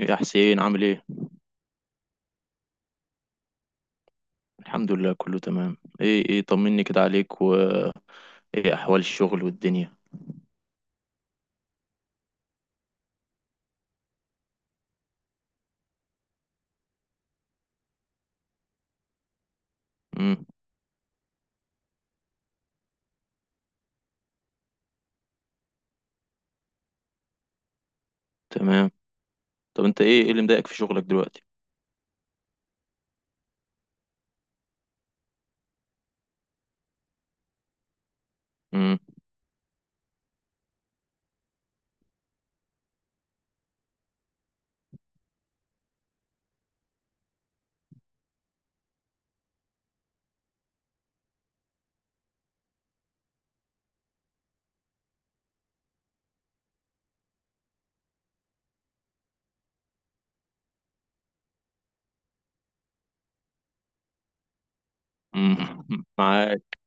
إيه يا حسين عامل ايه؟ الحمد لله، كله تمام. ايه طمني كده عليك، و ايه احوال الشغل والدنيا؟ امم. تمام. طب انت، ايه اللي مضايقك في شغلك دلوقتي؟ امم. أمم. معاك.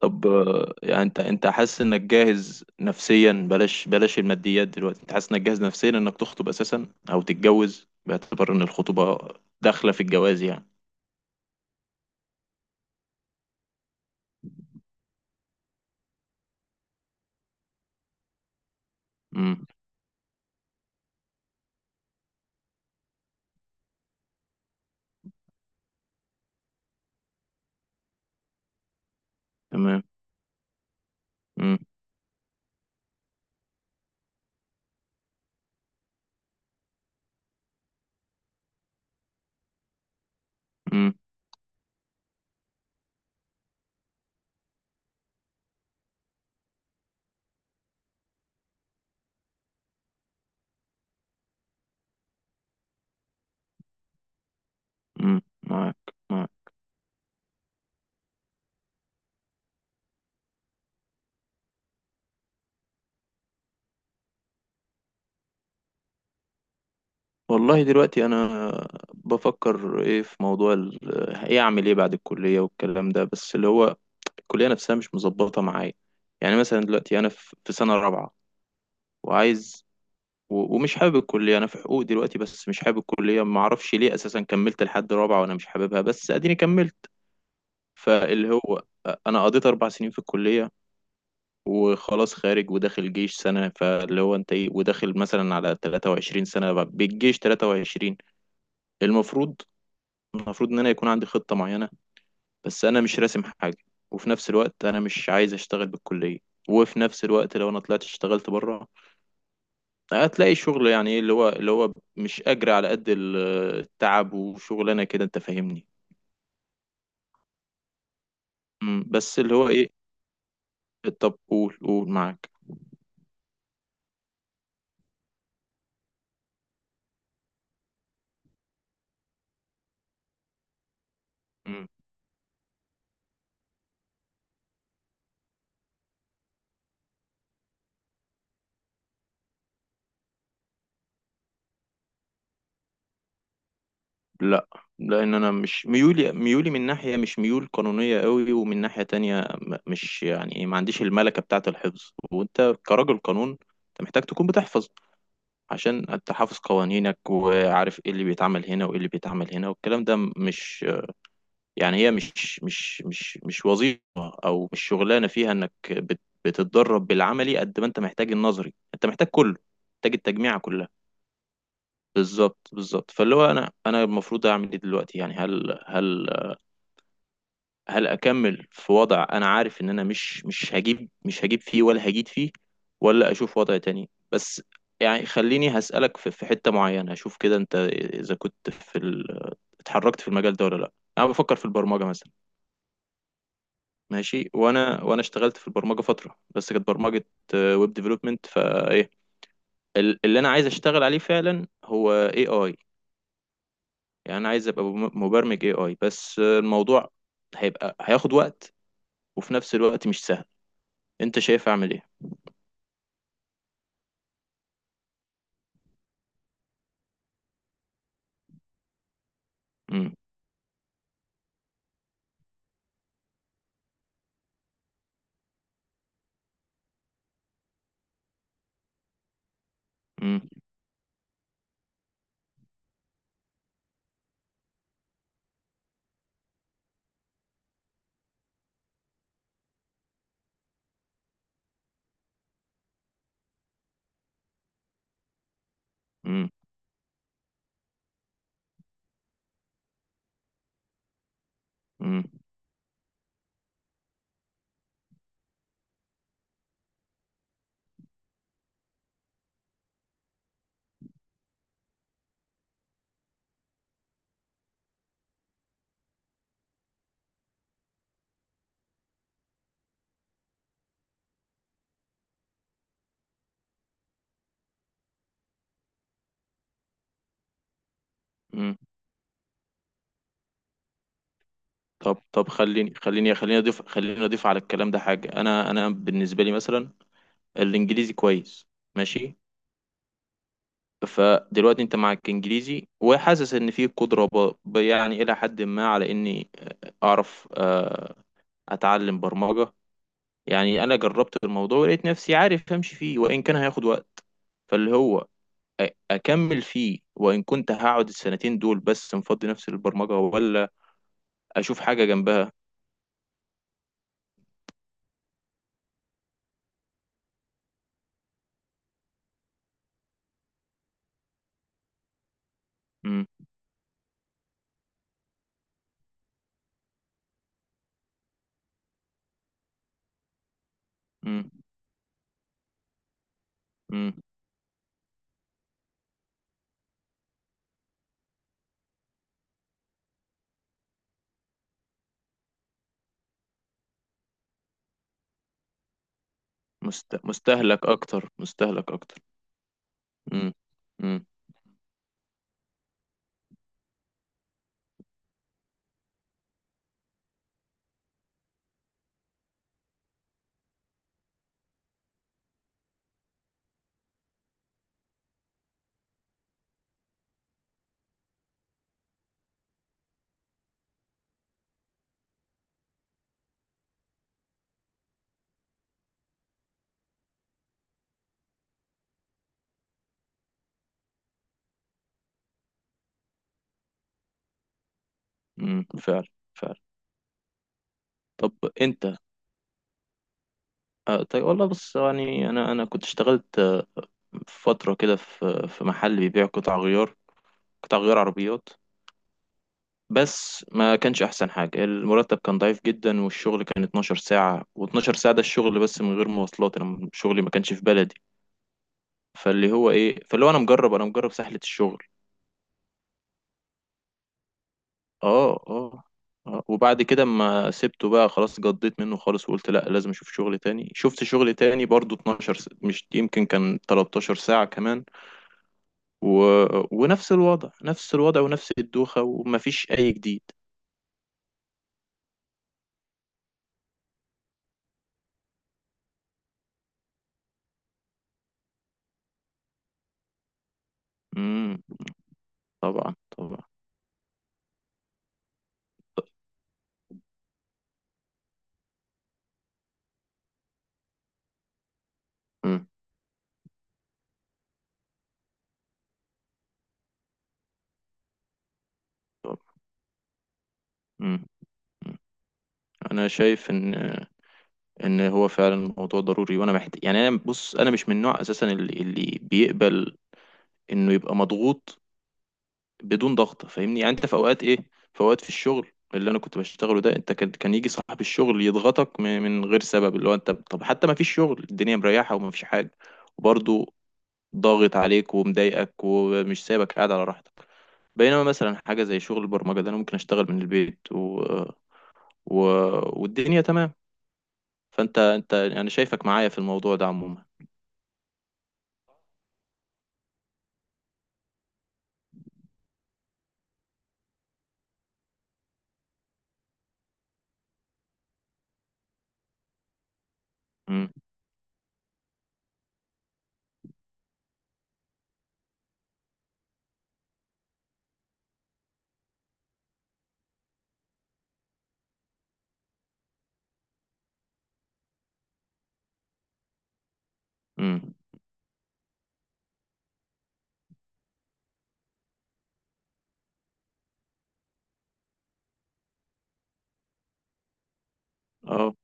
طب، يعني انت حاسس انك جاهز نفسيا، بلاش بلاش الماديات دلوقتي، انت حاسس انك جاهز نفسيا انك تخطب اساسا او تتجوز، باعتبار ان الخطوبة داخلة في الجواز يعني؟ امم. تمام. امم. امم. أمم. معاك، معاك. والله، دلوقتي انا بفكر ايه في موضوع ايه اعمل ايه بعد الكليه والكلام ده، بس اللي هو الكليه نفسها مش مظبطه معايا. يعني مثلا دلوقتي انا في سنه رابعه. وعايز، ومش حابب الكليه. انا في حقوق دلوقتي بس مش حابب الكليه، ما اعرفش ليه اساسا كملت لحد رابعه وانا مش حاببها، بس اديني كملت. فاللي هو، انا قضيت 4 سنين في الكليه. وخلاص، خارج وداخل جيش سنه، فاللي هو انت ايه، وداخل مثلا على 23 سنه بالجيش. 23، المفروض المفروض ان انا يكون عندي خطة معينة. بس انا مش راسم حاجة. وفي نفس الوقت انا مش عايز اشتغل بالكلية. وفي نفس الوقت لو انا طلعت اشتغلت بره، هتلاقي شغل، يعني ايه، اللي هو مش اجري على قد التعب وشغلانة كده، انت فاهمني؟ بس اللي هو ايه. طب قول، معاك. مم، لا، لان انا مش ميولي من ناحية، مش ميول قانونية قوي، ومن ناحية تانية، مش يعني إيه، ما عنديش الملكة بتاعة الحفظ. وانت كراجل قانون، انت محتاج تكون بتحفظ، عشان انت حافظ قوانينك وعارف ايه اللي بيتعمل هنا وايه اللي بيتعمل هنا. والكلام ده مش يعني هي مش وظيفة او مش شغلانة فيها انك بتتدرب بالعملي قد ما انت محتاج النظري، انت محتاج كله، محتاج التجميعة كلها. بالظبط بالظبط. فاللي هو انا المفروض اعمل ايه دلوقتي يعني، هل اكمل في وضع انا عارف ان انا مش هجيب فيه ولا هجيد فيه، ولا اشوف وضع تاني؟ بس يعني خليني هسألك في حتة معينة. اشوف كده انت، اذا كنت اتحركت في المجال ده ولا لا. انا بفكر في البرمجة مثلا. ماشي. وانا اشتغلت في البرمجة فترة بس كانت برمجة ويب ديفلوبمنت. فايه اللي انا عايز اشتغل عليه فعلا هو اي اي، يعني انا عايز ابقى مبرمج اي اي، بس الموضوع هيبقى هياخد وقت وفي نفس الوقت مش سهل. انت شايف اعمل ايه؟ مم. مم. مم. مم. مم. طب خليني اضيف على الكلام ده حاجه. انا بالنسبه لي مثلا، الانجليزي كويس. ماشي. فدلوقتي انت معك انجليزي، وحاسس ان في قدره يعني الى حد ما على اني اعرف، اتعلم برمجه. يعني انا جربت الموضوع ولقيت نفسي عارف امشي فيه، وان كان هياخد وقت. فاللي هو، اكمل فيه وان كنت هقعد السنتين دول بس مفضي نفسي للبرمجه، ولا اشوف حاجه جنبها؟ مم. مم. مستهلك اكتر، مستهلك اكتر. مم. مم. مم. فعلا، فعلا. طب انت. طيب، والله بص، يعني انا كنت اشتغلت، في فتره كده في محل بيبيع قطع غيار. قطع غيار عربيات، بس ما كانش احسن حاجه. المرتب كان ضعيف جدا والشغل كان 12 ساعه، و12 ساعه ده الشغل بس من غير مواصلات، انا شغلي ما كانش في بلدي. فاللي هو ايه، فاللي هو انا مجرب، انا مجرب سهله الشغل. اه، اه، اه. وبعد كده ما سبته بقى خلاص، جضيت منه خالص وقلت لا لازم اشوف شغل تاني. شفت شغل تاني برضو، مش يمكن كان 13 ساعة كمان. و... ونفس الوضع، نفس الوضع، ونفس الدوخة، ومفيش اي جديد. امم. طبعا، طبعا. امم. طبعا. امم. أمم. انا شايف ان هو فعلا الموضوع ضروري وانا محتاج. يعني انا بص، انا مش من النوع اساسا اللي بيقبل انه يبقى مضغوط، بدون ضغط. فاهمني؟ يعني انت في اوقات ايه، في اوقات في الشغل اللي انا كنت بشتغله ده، انت كان يجي صاحب الشغل يضغطك من غير سبب، اللي هو انت، طب حتى ما فيش شغل، الدنيا مريحه وما فيش حاجه، وبرضه ضاغط عليك ومضايقك ومش سايبك قاعد على راحتك. بينما مثلا حاجه زي شغل البرمجه ده، انا ممكن اشتغل من البيت و... والدنيا تمام. فانت يعني، انا شايفك معايا في الموضوع ده عموما. امم. امم. اه.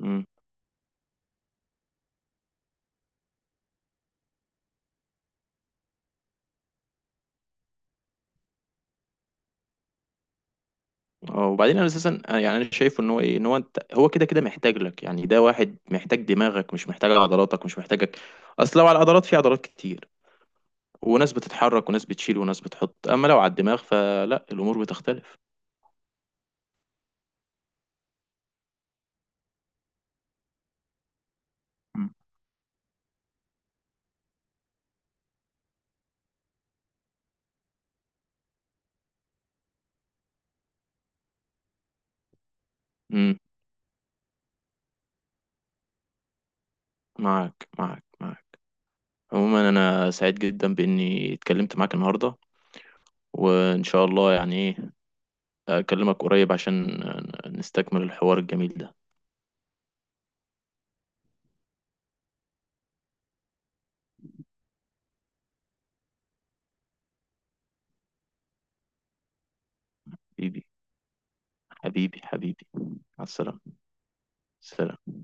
امم. اه، وبعدين انا اساسا، يعني انا شايف ان هو ايه، ان هو انت هو كده كده محتاج لك. يعني ده واحد محتاج دماغك مش محتاج عضلاتك مش محتاجك. اصل لو على العضلات، في عضلات كتير، وناس بتتحرك وناس بتشيل وناس بتحط. اما لو على الدماغ فلا، الامور بتختلف. مم. امم. معاك، معاك، معاك. عموما، انا سعيد جدا باني اتكلمت معاك النهارده. وان شاء الله، يعني ايه، اكلمك قريب عشان نستكمل الحوار الجميل ده. حبيبي، حبيبي، حبيبي. مع السلامه. سلام.